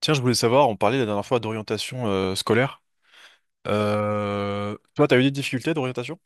Tiens, je voulais savoir, on parlait la dernière fois d'orientation scolaire. Toi, t'as eu des difficultés d'orientation?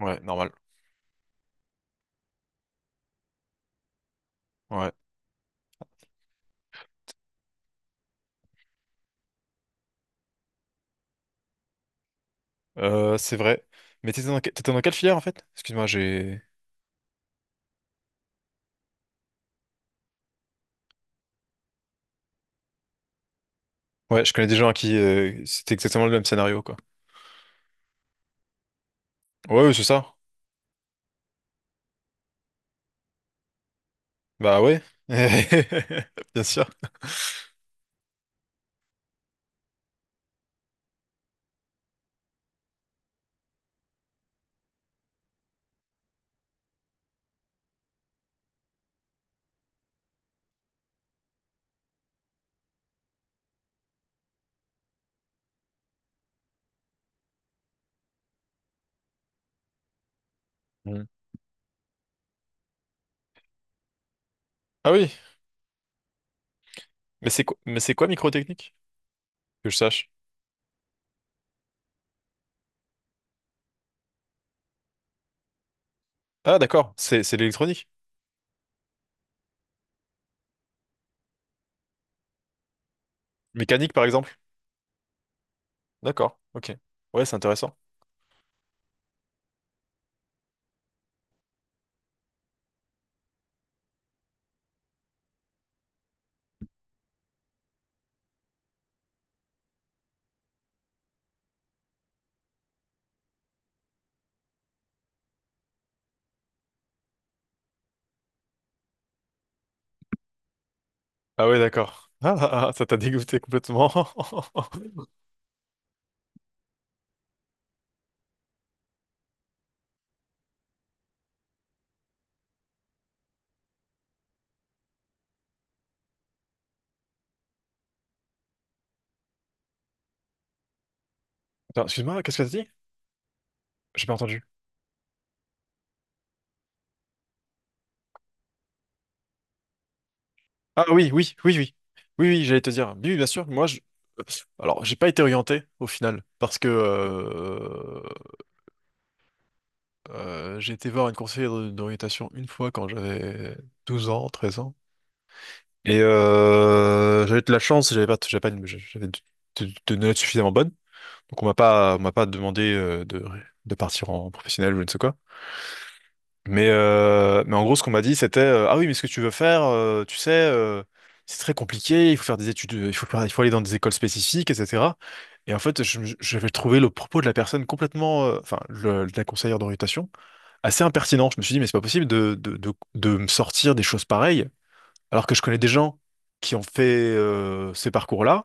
Ouais, normal. Ouais, c'est vrai. Mais t'étais dans, t'étais dans quelle filière en fait? Excuse-moi, j'ai. Ouais, je connais des gens à qui c'était exactement le même scénario quoi. Ouais, c'est ça. Bah ouais. Bien sûr. Mm. Ah oui. Mais c'est quoi microtechnique? Que je sache. Ah, d'accord, c'est l'électronique. Mécanique, par exemple. D'accord, ok. Ouais, c'est intéressant. Ah ouais, d'accord. Ah, ah, ah, ça t'a dégoûté complètement. Attends, excuse-moi, qu'est-ce que t'as dit? J'ai pas entendu. Ah oui, oui, oui, oui. Oui, oui, j'allais te dire. Oui, oui, bien sûr, moi, je… Alors, j'ai pas été orienté, au final, parce que j'ai été voir une conseillère d'orientation une fois quand j'avais 12 ans, 13 ans. Et j'avais de la chance, j'avais pas une- j'avais de, de notes suffisamment bonnes. Donc on m'a pas demandé de partir en professionnel ou je ne sais quoi. Mais en gros, ce qu'on m'a dit, c'était ah oui, mais ce que tu veux faire, tu sais, c'est très compliqué, il faut faire des études, il faut aller dans des écoles spécifiques, etc. Et en fait, j'avais trouvé le propos de la personne complètement, enfin, de la conseillère d'orientation, assez impertinent. Je me suis dit, mais c'est pas possible de me sortir des choses pareilles. Alors que je connais des gens qui ont fait ces parcours-là,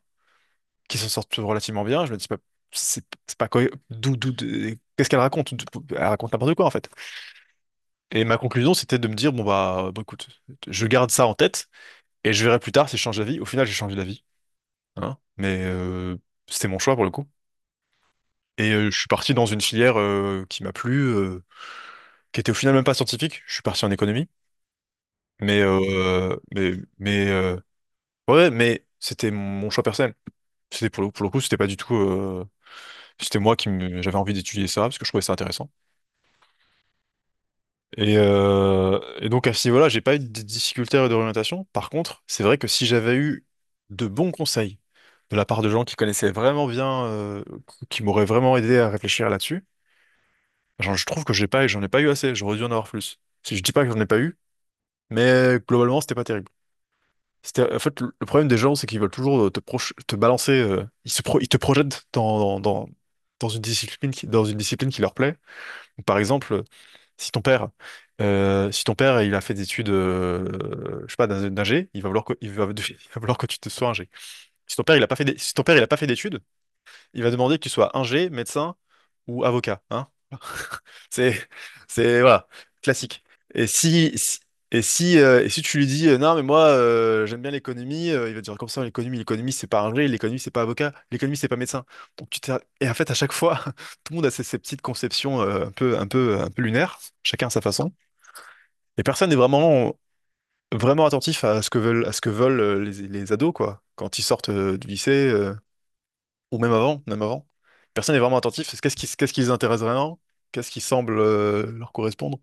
qui s'en sortent relativement bien. Je me dis c'est pas qu'est-ce qu'elle raconte? Elle raconte n'importe quoi en fait. Et ma conclusion, c'était de me dire, bon, écoute, je garde ça en tête et je verrai plus tard si je change d'avis. Au final, j'ai changé d'avis, hein, mais c'était mon choix pour le coup. Et je suis parti dans une filière qui m'a plu, qui était au final même pas scientifique. Je suis parti en économie, mais euh, mais mais euh, ouais, mais c'était mon choix personnel. C'était pour le coup, c'était pas du tout. C'était moi qui me- j'avais envie d'étudier ça parce que je trouvais ça intéressant. Et donc à ce niveau-là, j'ai pas eu de difficultés d'orientation. Par contre, c'est vrai que si j'avais eu de bons conseils de la part de gens qui connaissaient vraiment bien, qui m'auraient vraiment aidé à réfléchir là-dessus, genre, je trouve que j'en ai pas eu assez. J'aurais dû en avoir plus. Si je dis pas que j'en ai pas eu, mais globalement, c'était pas terrible. En fait, le problème des gens, c'est qu'ils veulent toujours te balancer. Ils te projettent dans, dans une discipline dans une discipline qui leur plaît. Donc, par exemple, si ton père, si ton père il a fait des études, je sais pas, d'ingé, il va vouloir que, il va, il va vouloir que tu te sois ingé. Si ton père il a pas fait, si ton père il a pas fait d'études, il va demander que tu sois ingé, médecin ou avocat, hein. C'est, c'est, voilà, classique. Et si, si- et si, et si tu lui dis, non, mais moi, j'aime bien l'économie, il va te dire comme ça, l'économie, c'est pas ingé, l'économie, c'est pas avocat, l'économie, c'est pas médecin. Donc, tu t'es- et en fait, à chaque fois, tout le monde a ses, ses petites conceptions, un peu lunaires, chacun à sa façon. Et personne n'est vraiment attentif à ce que veulent, à ce que veulent les ados, quoi, quand ils sortent, du lycée, même avant. Personne n'est vraiment attentif. Qu'est-ce qui les intéresse vraiment? Qu'est-ce qui semble, leur correspondre?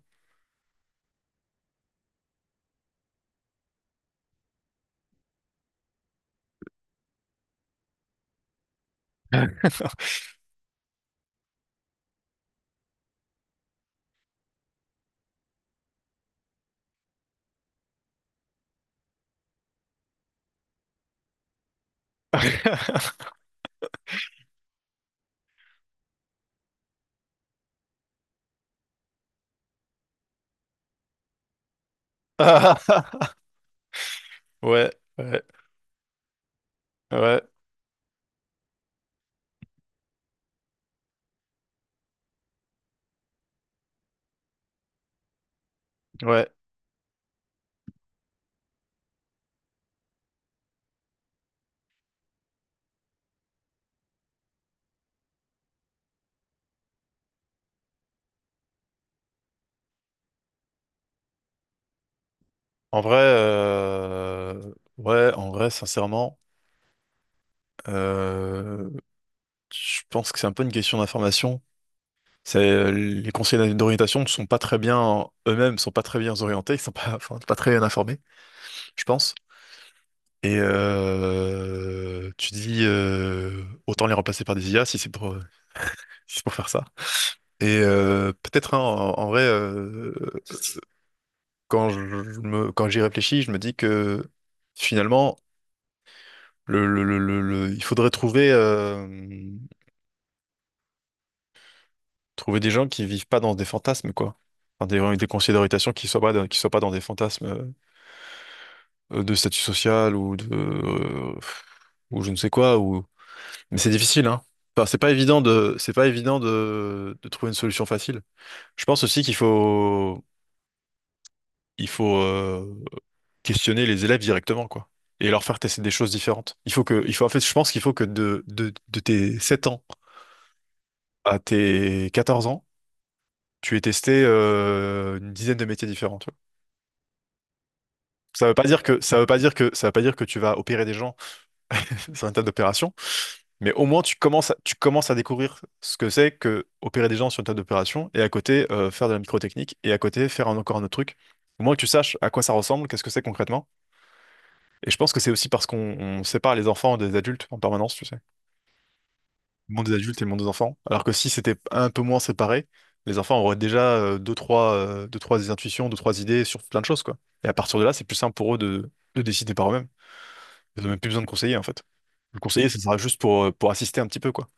Ah, ouais, ouais, ouais, ouais. En vrai, euh, ouais, en vrai, sincèrement, euh, je pense que c'est un peu une question d'information. C'est les conseillers d'orientation ne sont pas très bien eux-mêmes, ne sont pas très bien orientés, ils sont pas, enfin, pas très bien informés, je pense. Et tu dis autant les remplacer par des IA si c'est pour si c'est pour faire ça. Et peut-être hein, en vrai, quand je quand j'y réfléchis, je me dis que finalement, il faudrait trouver, trouver des gens qui vivent pas dans des fantasmes, quoi. Enfin, des, vraiment des considérations qui soient pas qui soient pas dans des fantasmes de statut social ou de, ou je ne sais quoi, ou… Mais c'est difficile, hein. Enfin, c'est pas évident de trouver une solution facile. Je pense aussi qu'il faut, il faut, questionner les élèves directement, quoi. Et leur faire tester des choses différentes. Il faut que, il faut, en fait, je pense qu'il faut que de tes 7 ans à tes 14 ans, tu aies testé une 10aine de métiers différents, tu vois. Ça veut pas dire que, ça veut pas dire que, ça veut pas dire que tu vas opérer des gens sur un tas d'opérations, mais au moins tu commences à découvrir ce que c'est que opérer des gens sur une tas d'opérations et à côté faire de la microtechnique et à côté faire encore un autre truc. Au moins que tu saches à quoi ça ressemble, qu'est-ce que c'est concrètement. Et je pense que c'est aussi parce qu'on on sépare les enfants des adultes en permanence, tu sais. Le monde des adultes et le monde des enfants. Alors que si c'était un peu moins séparé, les enfants auraient déjà deux, trois intuitions, deux, trois idées sur plein de choses, quoi. Et à partir de là, c'est plus simple pour eux de décider par eux-mêmes. Ils n'ont même plus besoin de conseiller, en fait. Le conseiller, ça sera juste pour assister un petit peu, quoi.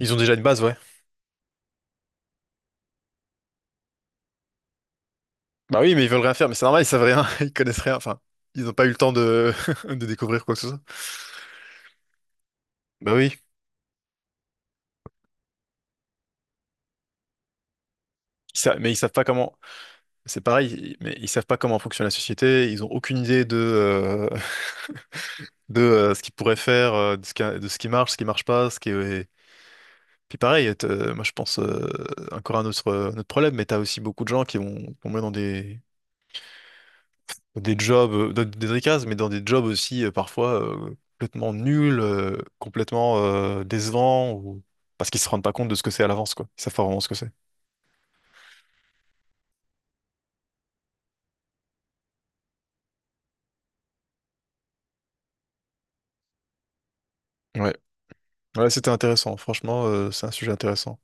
Ils ont déjà une base, ouais. Bah oui, mais ils veulent rien faire, mais c'est normal, ils savent rien, ils connaissent rien, enfin, ils n'ont pas eu le temps de… de découvrir quoi que ce soit. Bah oui, mais ils savent pas comment, c'est pareil, mais ils savent pas comment fonctionne la société, ils ont aucune idée de, de ce qu'ils pourraient faire, de ce qui… de ce qui marche pas, ce qui est… Puis pareil, moi je pense encore à un autre, un problème, mais t'as aussi beaucoup de gens qui vont tomber dans des jobs, dans des tricases, mais dans des jobs aussi parfois complètement nuls, complètement décevants, ou… parce qu'ils se rendent pas compte de ce que c'est à l'avance, quoi. Ils savent pas vraiment ce que c'est. Ouais, ouais, c'était intéressant. Franchement, c'est un sujet intéressant.